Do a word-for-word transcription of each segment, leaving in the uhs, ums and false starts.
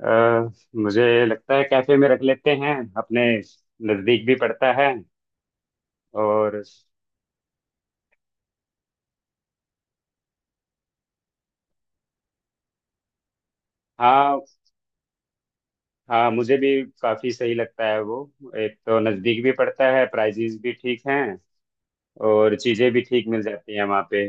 अ, मुझे लगता है कैफे में रख लेते हैं अपने। नज़दीक भी पड़ता है। और हाँ, हाँ, मुझे भी काफ़ी सही लगता है वो। एक तो नज़दीक भी पड़ता है, प्राइजेस भी ठीक हैं और चीज़ें भी ठीक मिल जाती हैं वहाँ पे।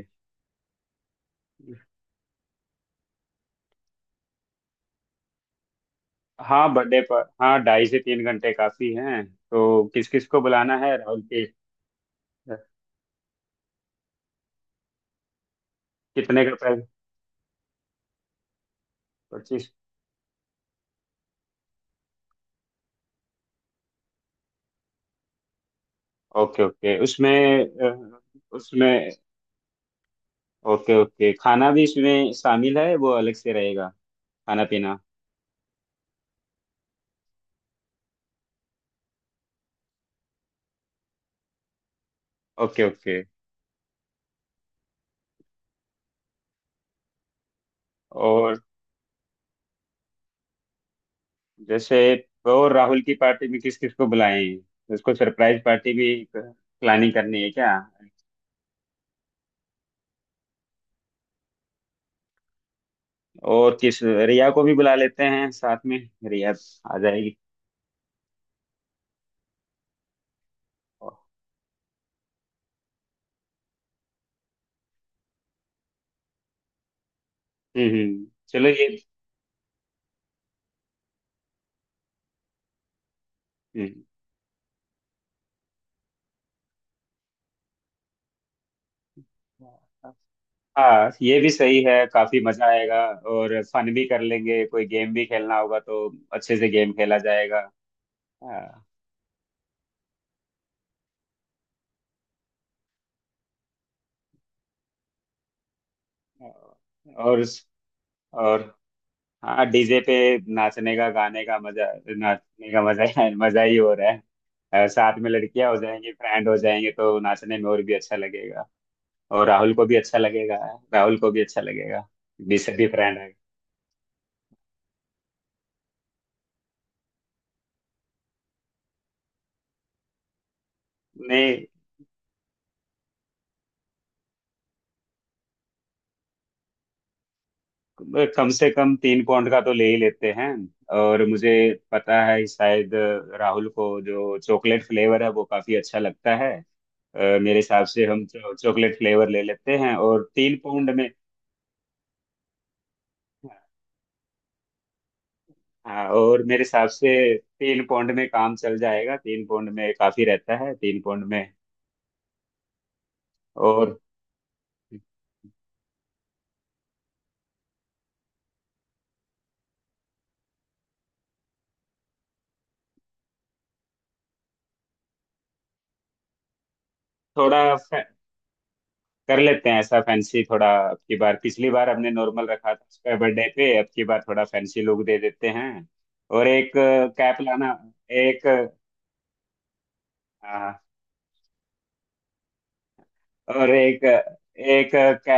हाँ, बर्थडे पर। हाँ, ढाई से तीन घंटे काफ़ी हैं। तो किस किस को बुलाना है राहुल के? कितने का प्राइस? पच्चीस। ओके, ओके, उसमें। अ, उसमें ओके, ओके, खाना भी इसमें शामिल है, वो अलग से रहेगा? खाना पीना? Okay, okay. और जैसे। तो राहुल की पार्टी में किस किस को बुलाएं? उसको सरप्राइज पार्टी भी प्लानिंग करनी है क्या? और किस? रिया को भी बुला लेते हैं साथ में। रिया आ जाएगी? हम्म, हम्म, चलो ये। हम्म। हाँ, ये भी सही है, काफी मजा आएगा। और फन भी कर लेंगे, कोई गेम भी खेलना होगा तो अच्छे से गेम खेला जाएगा। हाँ। और। और। हाँ, डीजे पे नाचने का, गाने का मजा। नाचने का मजा ही मजा ही हो रहा है। अ, साथ में लड़कियां हो जाएंगी, फ्रेंड हो जाएंगे तो नाचने में और भी अच्छा लगेगा। और राहुल को भी अच्छा लगेगा। राहुल को भी अच्छा लगेगा भी, सभी फ्रेंड है। नहीं, कम से कम तीन पौंड का तो ले ही लेते हैं। और मुझे पता है कि शायद राहुल को जो चॉकलेट फ्लेवर है वो काफी अच्छा लगता है। अ, मेरे हिसाब से हम चॉकलेट फ्लेवर ले लेते हैं और तीन पाउंड में। हाँ। और मेरे हिसाब से तीन पौंड में काम चल जाएगा, तीन पौंड में काफी रहता है, तीन पौंड में। और थोड़ा फै- कर लेते हैं ऐसा, फैंसी थोड़ा। अब की बार, पिछली बार हमने नॉर्मल रखा था उसका बर्थडे पे, अब की बार थोड़ा फैंसी लुक दे देते हैं। और एक कैप लाना। एक हाँ, और एक एक कै,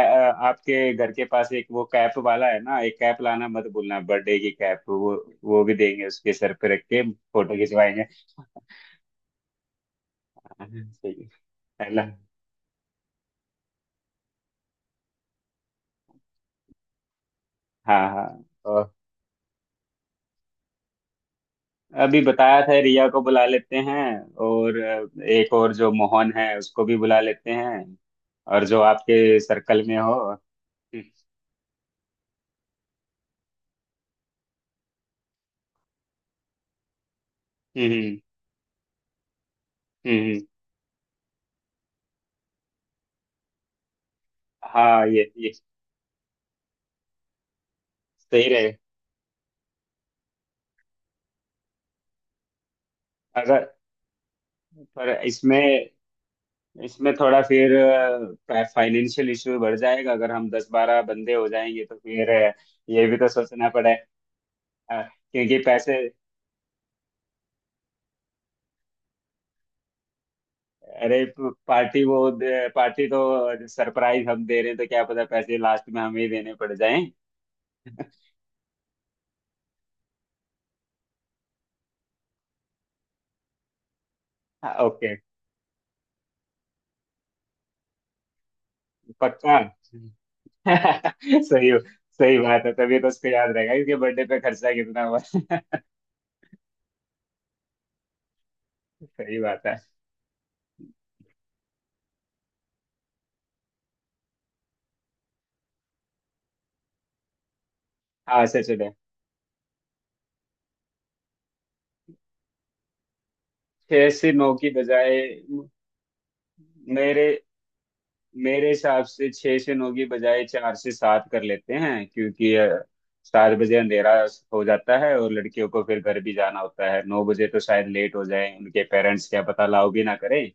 आपके घर के पास एक वो कैप वाला है ना, एक कैप लाना मत भूलना, बर्थडे की कैप। वो वो भी देंगे, उसके सर पे रख के फोटो खिंचवाएंगे। हाँ, ठीक है। है ना? हाँ, हाँ, हाँ। अभी बताया था, रिया को बुला लेते हैं। और अ, एक और जो मोहन है उसको भी बुला लेते हैं। और जो आपके सर्कल में हो। हम्म। हम्म। हम्म। हाँ, ये ये सही रहे। अगर। पर इसमें, इसमें थोड़ा फिर फाइनेंशियल इशू बढ़ जाएगा, अगर हम दस बारह बंदे हो जाएंगे तो फिर अ, ये भी तो सोचना पड़े। अ, क्योंकि पैसे। अरे, प- पार्टी वो दे- पार्टी तो सरप्राइज हम दे रहे हैं, तो क्या पता पैसे लास्ट में हमें ही देने पड़ जाएं। हाँ, ओके। पक्का। सही। सही बात है, तभी तो उसको याद रहेगा इसके बर्थडे पे खर्चा कितना हुआ। सही बात है। हाँ, से चले। छह से नौ की बजाय। मेरे मेरे हिसाब से छह से नौ की बजाय चार से सात कर लेते हैं, क्योंकि अ, सात बजे अंधेरा हो जाता है और लड़कियों को फिर घर भी जाना होता है। नौ बजे तो शायद लेट हो जाए, उनके पेरेंट्स क्या पता लाओ भी ना करें।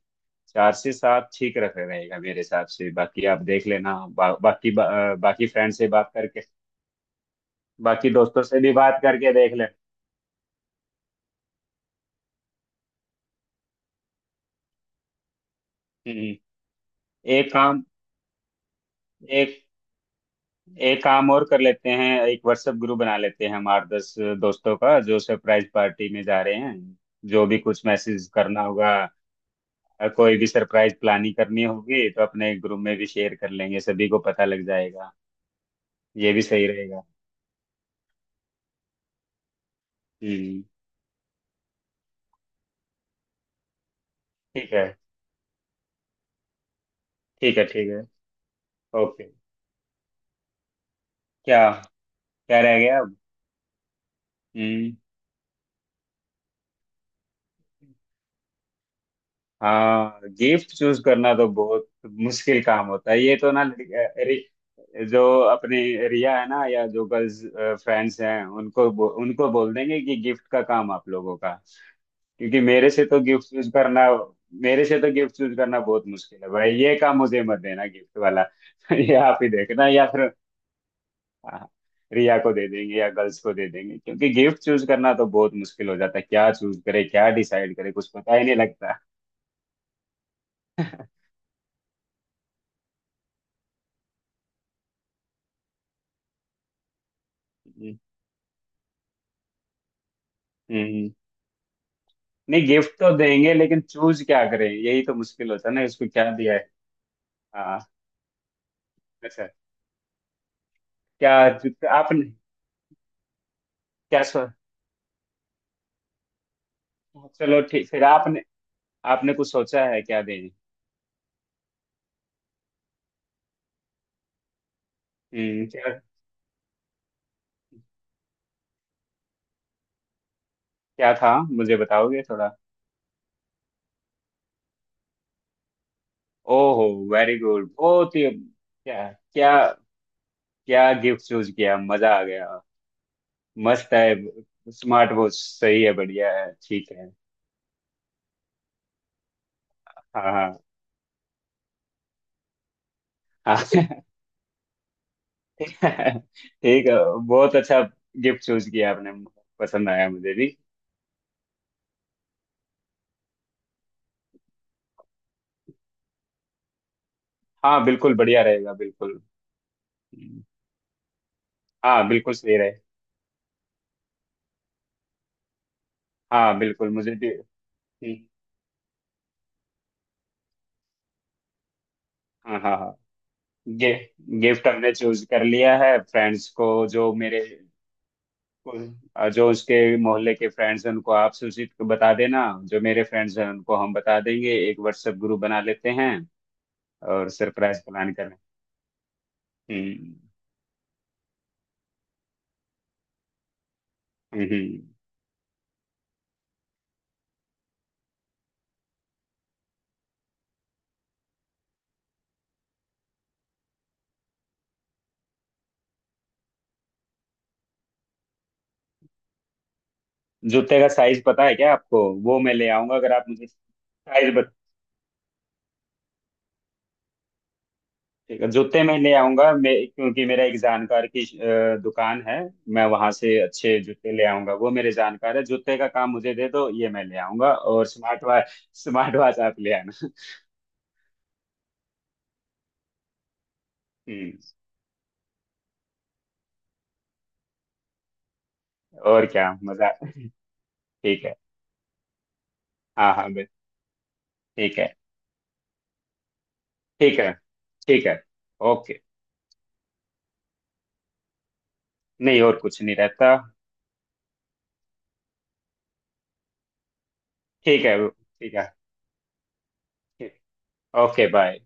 चार से सात ठीक रख रहेगा मेरे हिसाब से, बाकी आप देख लेना। बा, बाकी बा, अ, बाकी फ्रेंड से बात करके, बाकी दोस्तों से भी बात करके देख ले। हम्म। एक काम। एक एक काम और कर लेते हैं, एक व्हाट्सएप ग्रुप बना लेते हैं हम आठ दस दोस्तों का, जो सरप्राइज पार्टी में जा रहे हैं। जो भी कुछ मैसेज करना होगा, अ, कोई भी सरप्राइज प्लानिंग करनी होगी तो अपने ग्रुप में भी शेयर कर लेंगे, सभी को पता लग जाएगा। ये भी सही रहेगा। हम्म। ठीक है। ठीक है, ठीक है। ओके। क्या? क्या रह गया अब? हम्म। हाँ, गिफ्ट चूज करना तो बहुत मुश्किल काम होता है ये तो ना। लड़- रि, जो अपने रिया है ना, या जो गर्ल्स फ्रेंड्स हैं उनको बो, उनको बोल देंगे कि गिफ्ट का काम आप लोगों का। क्योंकि मेरे से तो गिफ्ट चूज करना, मेरे से तो गिफ्ट चूज करना बहुत मुश्किल है भाई, ये काम मुझे मत देना, गिफ्ट वाला। ये आप ही देखना, या फिर हाँ, रिया को दे देंगे या गर्ल्स को दे देंगे क्योंकि गिफ्ट चूज करना तो बहुत मुश्किल हो जाता है। क्या चूज करे, क्या डिसाइड करे, कुछ पता ही नहीं लगता। हम्म। नहीं, गिफ्ट तो देंगे, लेकिन चूज क्या करें, यही तो मुश्किल होता है ना, इसको क्या दिया है। हाँ, अच्छा। क्या? जूता- आपने? क्या सो। चलो, ठीक। फिर आपने, आपने कुछ सोचा है क्या दें? हम्म, क्या? क्या था, मुझे बताओगे थोड़ा? ओहो, वेरी गुड, बहुत ही क्या। क्या? क्या गिफ्ट चूज किया, मजा आ गया। मस्त है। स्मार्ट वॉच सही है, बढ़िया है, ठीक है। हाँ, हाँ, हाँ। ठीक है। बहुत अच्छा गिफ्ट चूज किया आपने। पसंद आया मुझे भी। हाँ, बिल्कुल बढ़िया रहेगा, बिल्कुल। हम्म। हाँ, बिल्कुल सही रहे। हाँ, बिल्कुल मुझे भी। हम्म। हाँ, हाँ, हाँ। गे, गिफ्ट हमने चूज कर लिया है। फ्रेंड्स को, जो मेरे जो उसके मोहल्ले के फ्रेंड्स हैं उनको आप सूचित बता देना। जो मेरे फ्रेंड्स हैं उनको हम बता देंगे, एक व्हाट्सएप ग्रुप बना लेते हैं, और सरप्राइज प्लान करें। हम्म। हम्म, हम्म। जूते का साइज पता है क्या आपको? वो मैं ले आऊंगा अगर आप मुझे साइज। ठीक है, जूते मैं ले आऊंगा मैं, क्योंकि मेरा एक जानकार की अ, दुकान है। मैं वहां से अच्छे जूते ले आऊंगा, वो मेरे जानकार है। जूते का काम मुझे दे दो, ये मैं ले आऊंगा। और स्मार्ट वॉच। स्मार्ट वॉच आप ले आना। हम्म। और क्या मजा। ठीक है। हाँ, हाँ, बे- ठीक है, ठीक है, ठीक है। ओके। नहीं, और कुछ नहीं रहता। ठीक है, ठीक है। ठीक। Okay, bye.